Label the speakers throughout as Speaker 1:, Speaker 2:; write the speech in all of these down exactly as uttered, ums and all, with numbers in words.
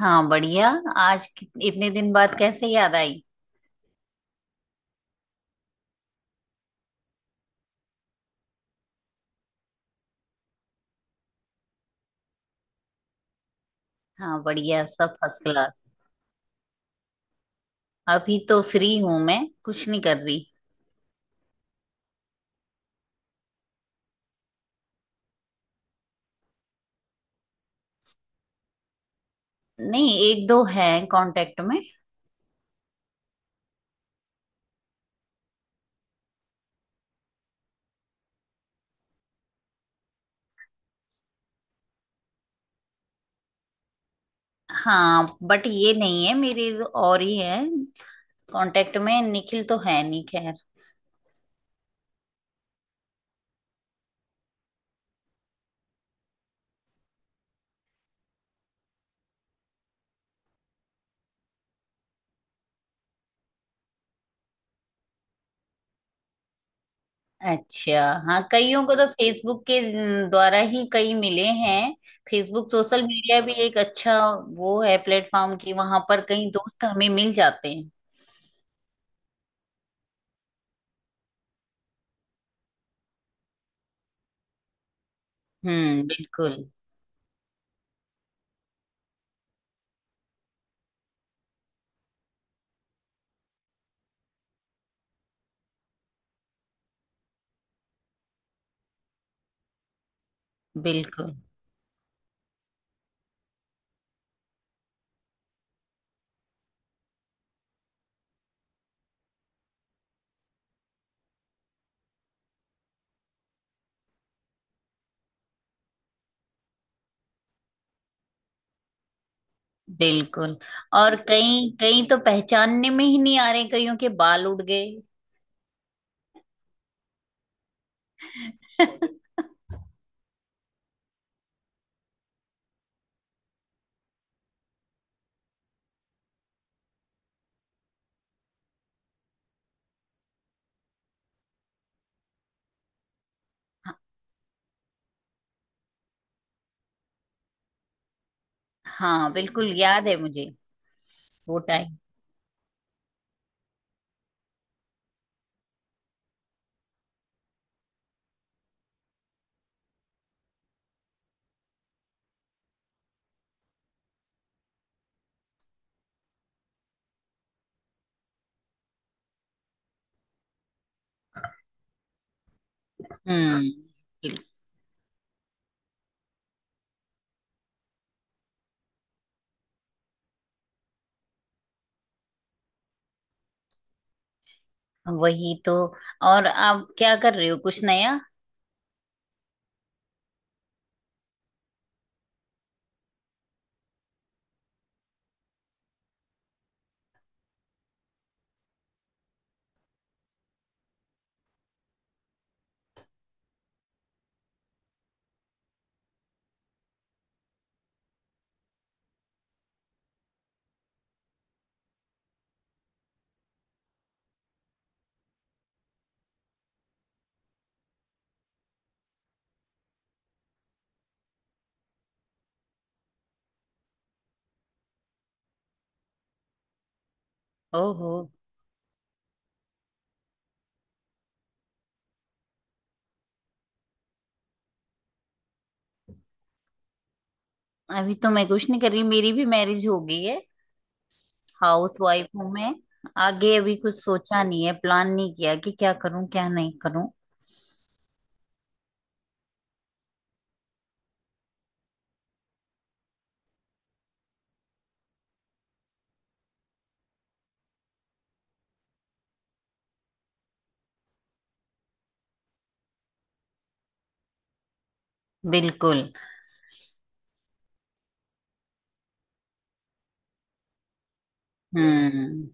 Speaker 1: हाँ बढ़िया। आज कि- इतने दिन बाद कैसे याद आई? हाँ बढ़िया, सब फर्स्ट क्लास। अभी तो फ्री हूं मैं, कुछ नहीं कर रही। नहीं, एक दो है कांटेक्ट में। हाँ बट ये नहीं है, मेरी और ही है कांटेक्ट में। निखिल तो है नहीं, खैर। अच्छा। हाँ, कईयों को तो फेसबुक के न, द्वारा ही कई मिले हैं। फेसबुक सोशल मीडिया भी एक अच्छा वो है प्लेटफॉर्म की वहां पर कई दोस्त हमें मिल जाते हैं। हम्म बिल्कुल। बिल्कुल बिल्कुल। और कई कई तो पहचानने में ही नहीं आ रहे, कईयों के बाल उड़ गए। हाँ बिल्कुल याद है मुझे वो टाइम। हम्म बिल्कुल। वही तो। और आप क्या कर रहे हो, कुछ नया? ओहो। अभी तो मैं कुछ नहीं कर रही, मेरी भी मैरिज हो गई है। हाउस वाइफ हूँ मैं। आगे अभी कुछ सोचा नहीं है, प्लान नहीं किया कि क्या करूं क्या नहीं करूं। बिल्कुल। हम्म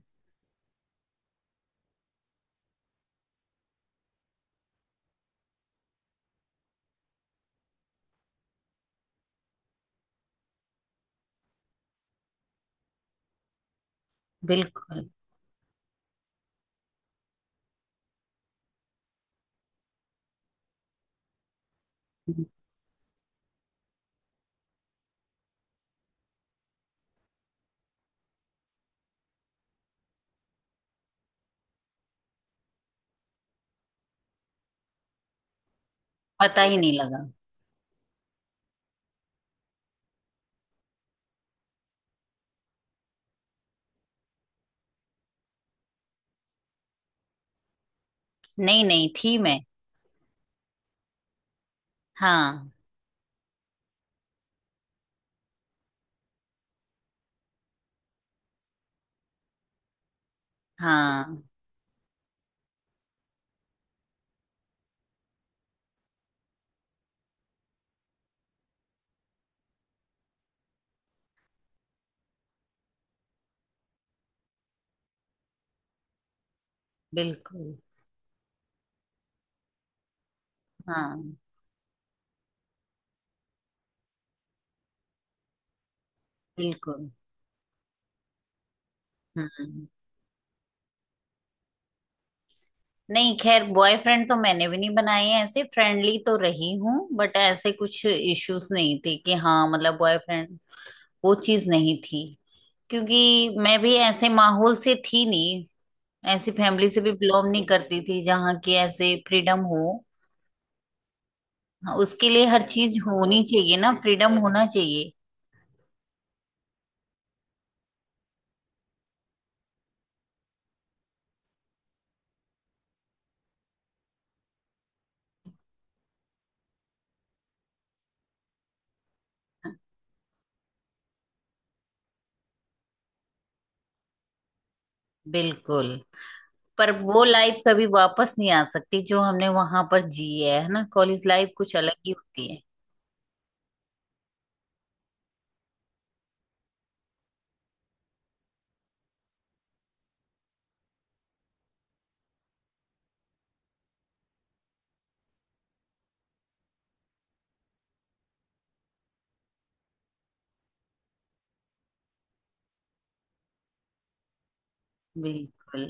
Speaker 1: बिल्कुल। पता ही नहीं लगा। नहीं, नहीं थी मैं। हाँ। हाँ बिल्कुल। हाँ बिल्कुल। हम्म। नहीं, खैर बॉयफ्रेंड तो मैंने भी नहीं बनाए हैं, ऐसे फ्रेंडली तो रही हूँ बट ऐसे कुछ इश्यूज नहीं थे कि हाँ मतलब बॉयफ्रेंड वो चीज नहीं थी। क्योंकि मैं भी ऐसे माहौल से थी नहीं, ऐसी फैमिली से भी बिलोंग नहीं करती थी जहाँ की ऐसे फ्रीडम हो। हाँ, उसके लिए हर चीज होनी चाहिए ना, फ्रीडम होना चाहिए। बिल्कुल। पर वो लाइफ कभी वापस नहीं आ सकती जो हमने वहां पर जी है है ना? कॉलेज लाइफ कुछ अलग ही होती है। बिल्कुल।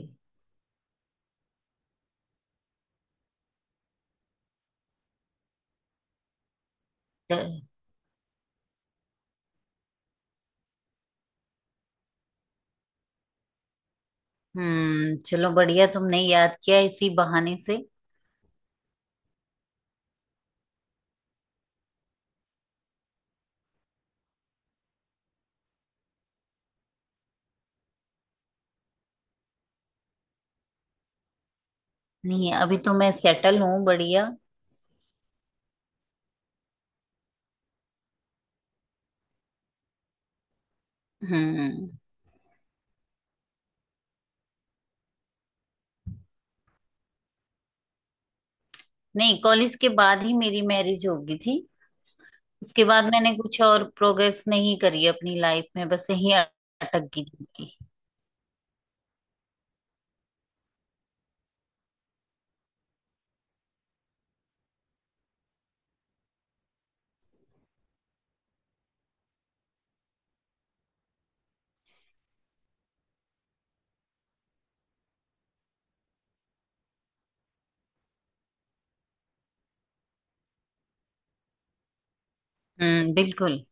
Speaker 1: च- हम्म चलो बढ़िया, तुमने याद किया इसी बहाने से। नहीं, अभी तो मैं सेटल हूँ बढ़िया। हम्म। नहीं, कॉलेज के बाद ही मेरी मैरिज हो गई थी। उसके बाद मैंने कुछ और प्रोग्रेस नहीं करी अपनी लाइफ में, बस यही अटक गई थी कि- हम्म बिल्कुल।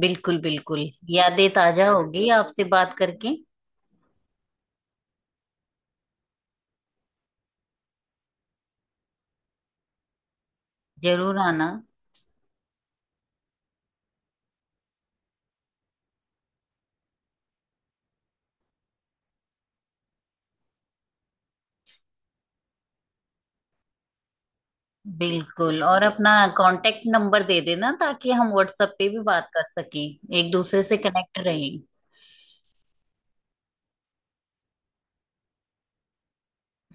Speaker 1: बिल्कुल बिल्कुल। यादें ताजा होगी आपसे बात करके। जरूर आना। बिल्कुल। और अपना कांटेक्ट नंबर दे देना ताकि हम व्हाट्सएप पे भी बात कर सकें, एक दूसरे से कनेक्ट रहें।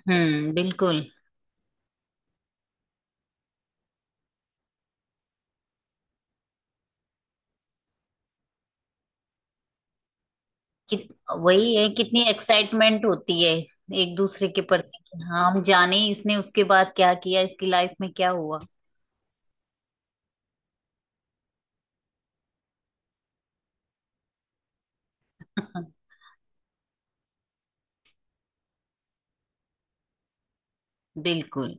Speaker 1: हम्म बिल्कुल। कित वही है, कितनी एक्साइटमेंट होती है एक दूसरे के प्रति कि हाँ हम जाने इसने उसके बाद क्या किया, इसकी लाइफ में क्या हुआ। बिल्कुल।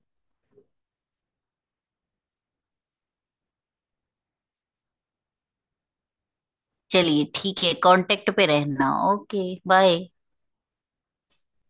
Speaker 1: चलिए ठीक है, कांटेक्ट पे रहना। Okay bye.